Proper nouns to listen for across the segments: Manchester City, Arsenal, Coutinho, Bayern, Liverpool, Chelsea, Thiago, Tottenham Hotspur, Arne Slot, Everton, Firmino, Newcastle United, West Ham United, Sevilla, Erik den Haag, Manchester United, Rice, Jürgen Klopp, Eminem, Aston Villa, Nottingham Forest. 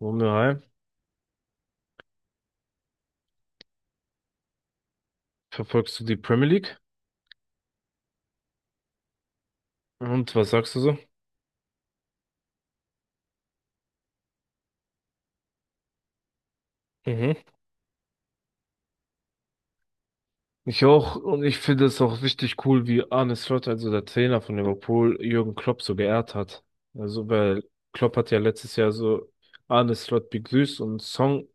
Wunder, hi. Verfolgst du die Premier League? Und was sagst du so? Mhm. Ich auch, und ich finde es auch richtig cool, wie Arne Slot, also der Trainer von Liverpool, Jürgen Klopp so geehrt hat. Also, weil Klopp hat ja letztes Jahr so Arne Slot begrüßt und einen Song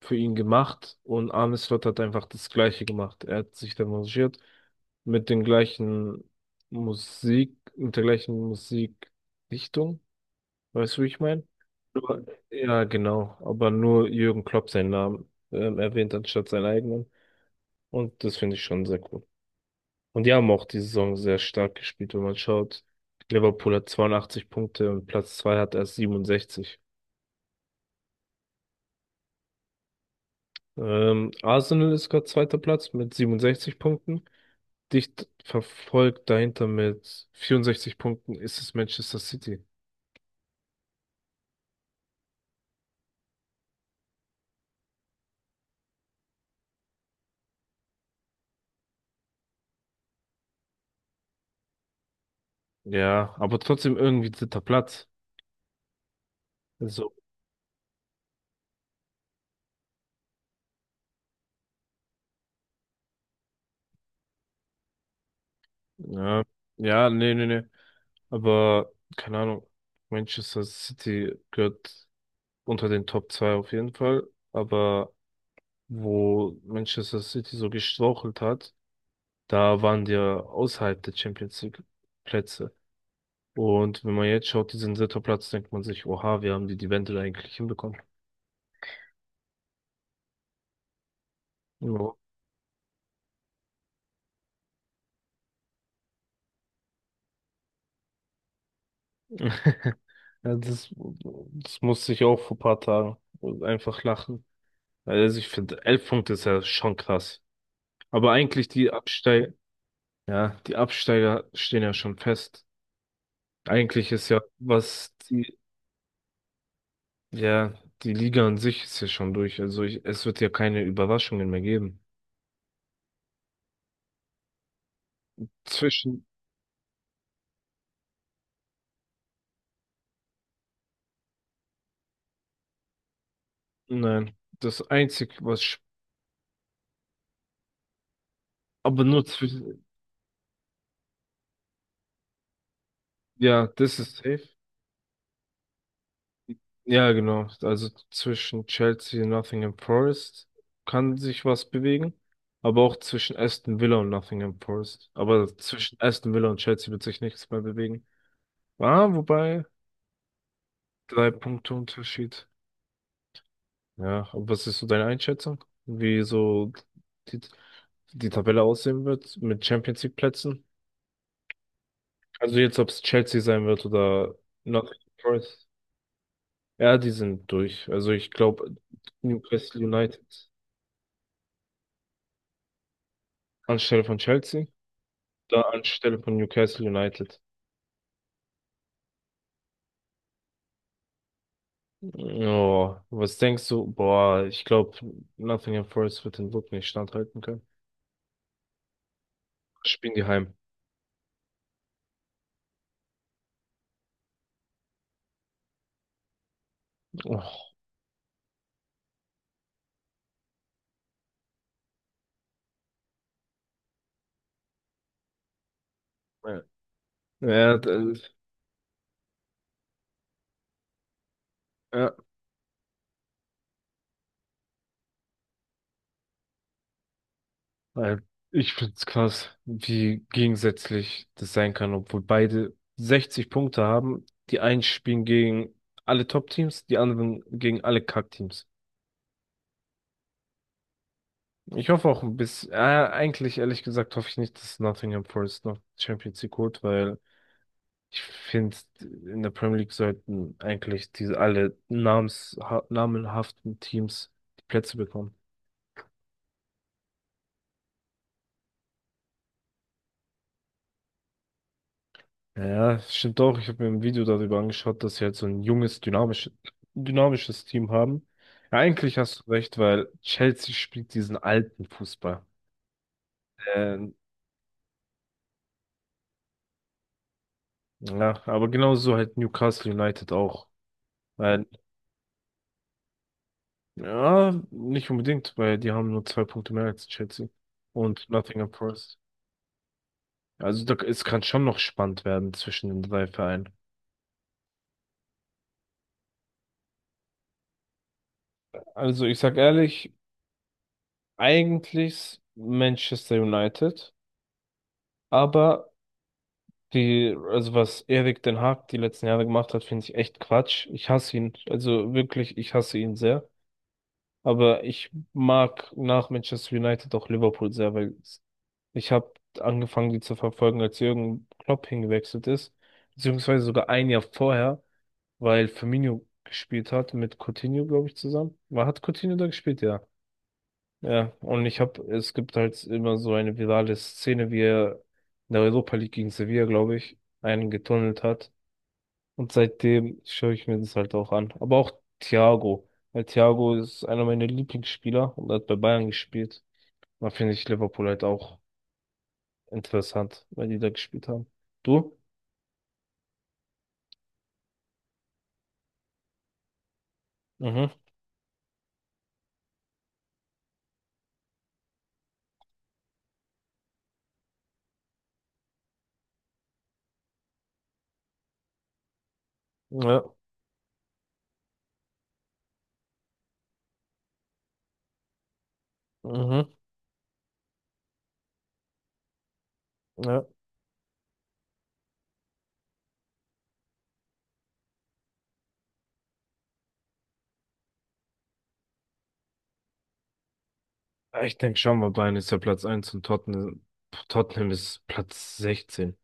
für ihn gemacht und Arne Slot hat einfach das Gleiche gemacht. Er hat sich demonstriert mit den gleichen Musik, mit der gleichen Musikrichtung. Weißt du, wie ich meine? Ja, genau. Aber nur Jürgen Klopp seinen Namen erwähnt anstatt seinen eigenen. Und das finde ich schon sehr cool. Und die haben auch die Saison sehr stark gespielt, wenn man schaut. Liverpool hat 82 Punkte und Platz zwei hat erst 67. Arsenal ist gerade zweiter Platz mit 67 Punkten. Dicht verfolgt dahinter mit 64 Punkten ist es Manchester City. Ja, aber trotzdem irgendwie dritter Platz. So. Ja, ja, nee, nee, nee. Aber keine Ahnung, Manchester City gehört unter den Top 2 auf jeden Fall. Aber wo Manchester City so gestrauchelt hat, da waren die ja außerhalb der Champions League Plätze. Und wenn man jetzt schaut, die sind dritter Platz, denkt man sich, oha, wir haben die Wende eigentlich hinbekommen. Ja. Ja, das musste ich auch vor ein paar Tagen einfach lachen. Also ich finde, 11 Punkte ist ja schon krass. Aber eigentlich die Absteig Ja, die Absteiger stehen ja schon fest. Eigentlich ist ja, ja, die Liga an sich ist ja schon durch. Also es wird ja keine Überraschungen mehr geben. Zwischen, nein, das einzig, was, aber nur zwischen, ja, das ist safe. Ja, genau. Also zwischen Chelsea und Nottingham Forest kann sich was bewegen. Aber auch zwischen Aston Villa und Nottingham Forest. Aber zwischen Aston Villa und Chelsea wird sich nichts mehr bewegen. Ah, wobei, drei Punkte Unterschied. Ja, aber was ist so deine Einschätzung? Wie so die, die Tabelle aussehen wird mit Champions League Plätzen? Also jetzt, ob es Chelsea sein wird oder Nottingham Forest. Ja, die sind durch. Also ich glaube, Newcastle United anstelle von Chelsea, da anstelle von Newcastle United. Oh, was denkst du? Boah, ich glaube, Nottingham Forest wird den Druck nicht standhalten können. Spielen die heim. Oh. Ja, ja, das, ja. Weil ich find's krass, wie gegensätzlich das sein kann, obwohl beide 60 Punkte haben. Die einen spielen gegen alle Top-Teams, die anderen gegen alle Kack-Teams. Ich hoffe auch ein bisschen, eigentlich ehrlich gesagt hoffe ich nicht, dass Nottingham Forest noch Champions League holt, weil ich finde, in der Premier League sollten eigentlich diese alle namenhaften Teams die Plätze bekommen. Ja, stimmt auch. Ich habe mir ein Video darüber angeschaut, dass sie halt so ein junges, dynamisches Team haben. Ja, eigentlich hast du recht, weil Chelsea spielt diesen alten Fußball. Ähm, ja, aber genauso halt Newcastle United auch. Weil, ja, nicht unbedingt, weil die haben nur zwei Punkte mehr als Chelsea und Nottingham Forest. Also da, es kann schon noch spannend werden zwischen den drei Vereinen. Also ich sag ehrlich, eigentlich Manchester United, aber also was Erik den Haag die letzten Jahre gemacht hat, finde ich echt Quatsch. Ich hasse ihn. Also wirklich, ich hasse ihn sehr. Aber ich mag nach Manchester United auch Liverpool sehr, weil ich habe angefangen, die zu verfolgen, als Jürgen Klopp hingewechselt ist. Beziehungsweise sogar ein Jahr vorher, weil Firmino gespielt hat mit Coutinho, glaube ich, zusammen. Hat Coutinho da gespielt? Ja. Ja. Und es gibt halt immer so eine virale Szene, wie er in der Europa League gegen Sevilla, glaube ich, einen getunnelt hat. Und seitdem schaue ich mir das halt auch an. Aber auch Thiago. Weil Thiago ist einer meiner Lieblingsspieler und hat bei Bayern gespielt. Da finde ich Liverpool halt auch interessant, weil die da gespielt haben. Du? Mhm. Ja. Mhm. Ja. Ich denke schon, mal Bayern ist ja Platz eins und Tottenham ist Platz 16.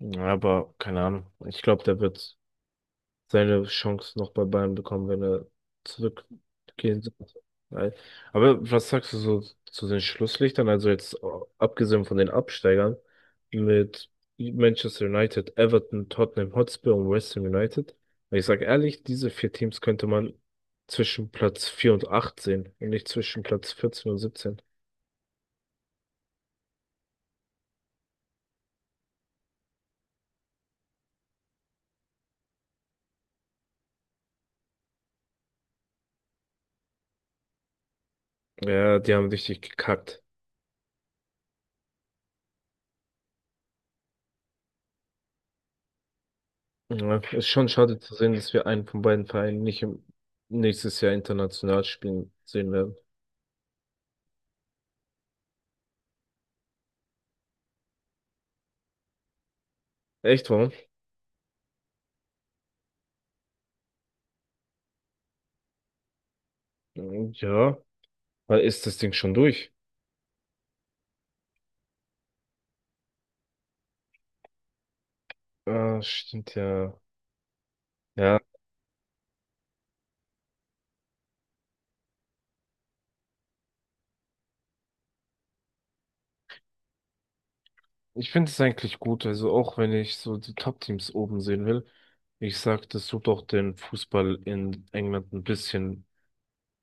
Ja, aber keine Ahnung. Ich glaube, der wird seine Chance noch bei Bayern bekommen, wenn er zurückgehen sollte. Weil- Aber was sagst du so zu den Schlusslichtern? Also jetzt abgesehen von den Absteigern mit Manchester United, Everton, Tottenham Hotspur und West Ham United. Weil ich sage ehrlich, diese vier Teams könnte man zwischen Platz 4 und 8 sehen und nicht zwischen Platz 14 und 17. Ja, die haben richtig gekackt. Ja, ist schon schade zu sehen, dass wir einen von beiden Vereinen nicht nächstes Jahr international spielen sehen werden. Echt, warum? Ja, weil ist das Ding schon durch? Ah, stimmt ja. Ja, ich finde es eigentlich gut. Also auch wenn ich so die Top-Teams oben sehen will, ich sag, das tut auch den Fußball in England ein bisschen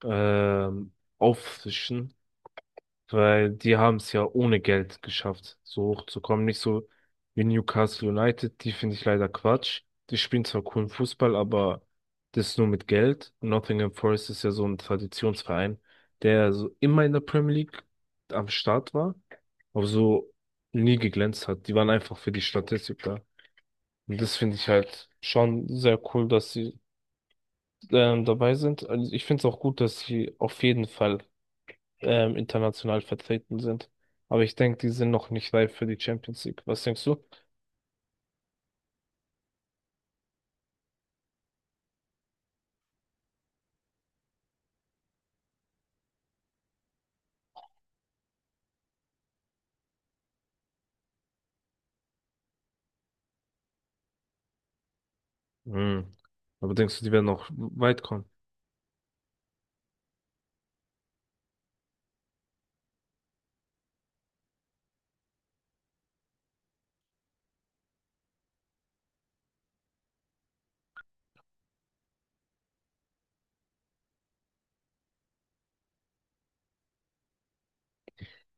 ähm, auffrischen. Weil die haben es ja ohne Geld geschafft, so hochzukommen. Nicht so wie Newcastle United, die finde ich leider Quatsch. Die spielen zwar coolen Fußball, aber das nur mit Geld. Nottingham Forest ist ja so ein Traditionsverein, der ja so immer in der Premier League am Start war, aber so nie geglänzt hat. Die waren einfach für die Statistik da. Und das finde ich halt schon sehr cool, dass sie dabei sind. Also ich finde es auch gut, dass sie auf jeden Fall international vertreten sind. Aber ich denke, die sind noch nicht reif für die Champions League. Was denkst du? Hm. Aber denkst du, die werden noch weit kommen?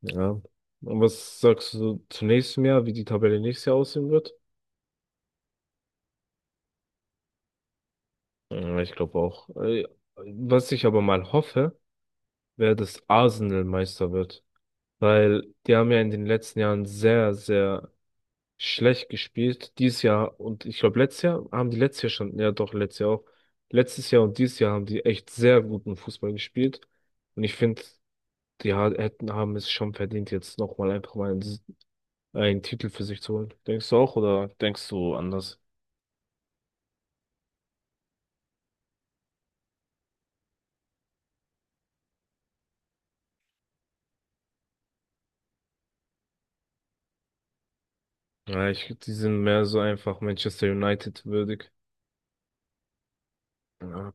Ja. Und was sagst du zu nächstem Jahr, wie die Tabelle nächstes Jahr aussehen wird? Ja, ich glaube auch. Was ich aber mal hoffe, wäre, dass Arsenal Meister wird. Weil die haben ja in den letzten Jahren sehr, sehr schlecht gespielt. Dieses Jahr und ich glaube, letztes Jahr haben die letztes Jahr schon, ja doch, letztes Jahr auch. Letztes Jahr und dieses Jahr haben die echt sehr guten Fußball gespielt. Und ich finde, die haben es schon verdient, jetzt nochmal einfach mal einen Titel für sich zu holen. Denkst du auch oder denkst du anders? Ja, die sind mehr so einfach Manchester United würdig. Ja,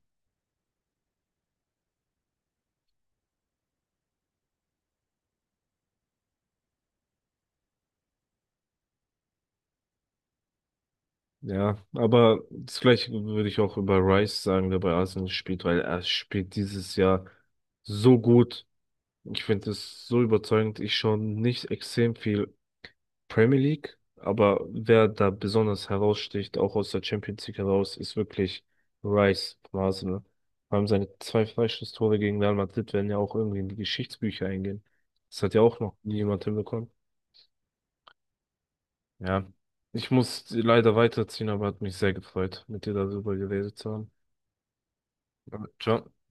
ja, aber das Gleiche würde ich auch über Rice sagen, der bei Arsenal spielt, weil er spielt dieses Jahr so gut. Ich finde es so überzeugend. Ich schaue nicht extrem viel Premier League, aber wer da besonders heraussticht, auch aus der Champions League heraus, ist wirklich Rice von Arsenal. Vor allem seine zwei Freistoßtore gegen Real Madrid werden ja auch irgendwie in die Geschichtsbücher eingehen. Das hat ja auch noch nie jemand hinbekommen. Ja. Ich muss leider weiterziehen, aber hat mich sehr gefreut, mit dir darüber geredet zu haben. Ja, Ciao.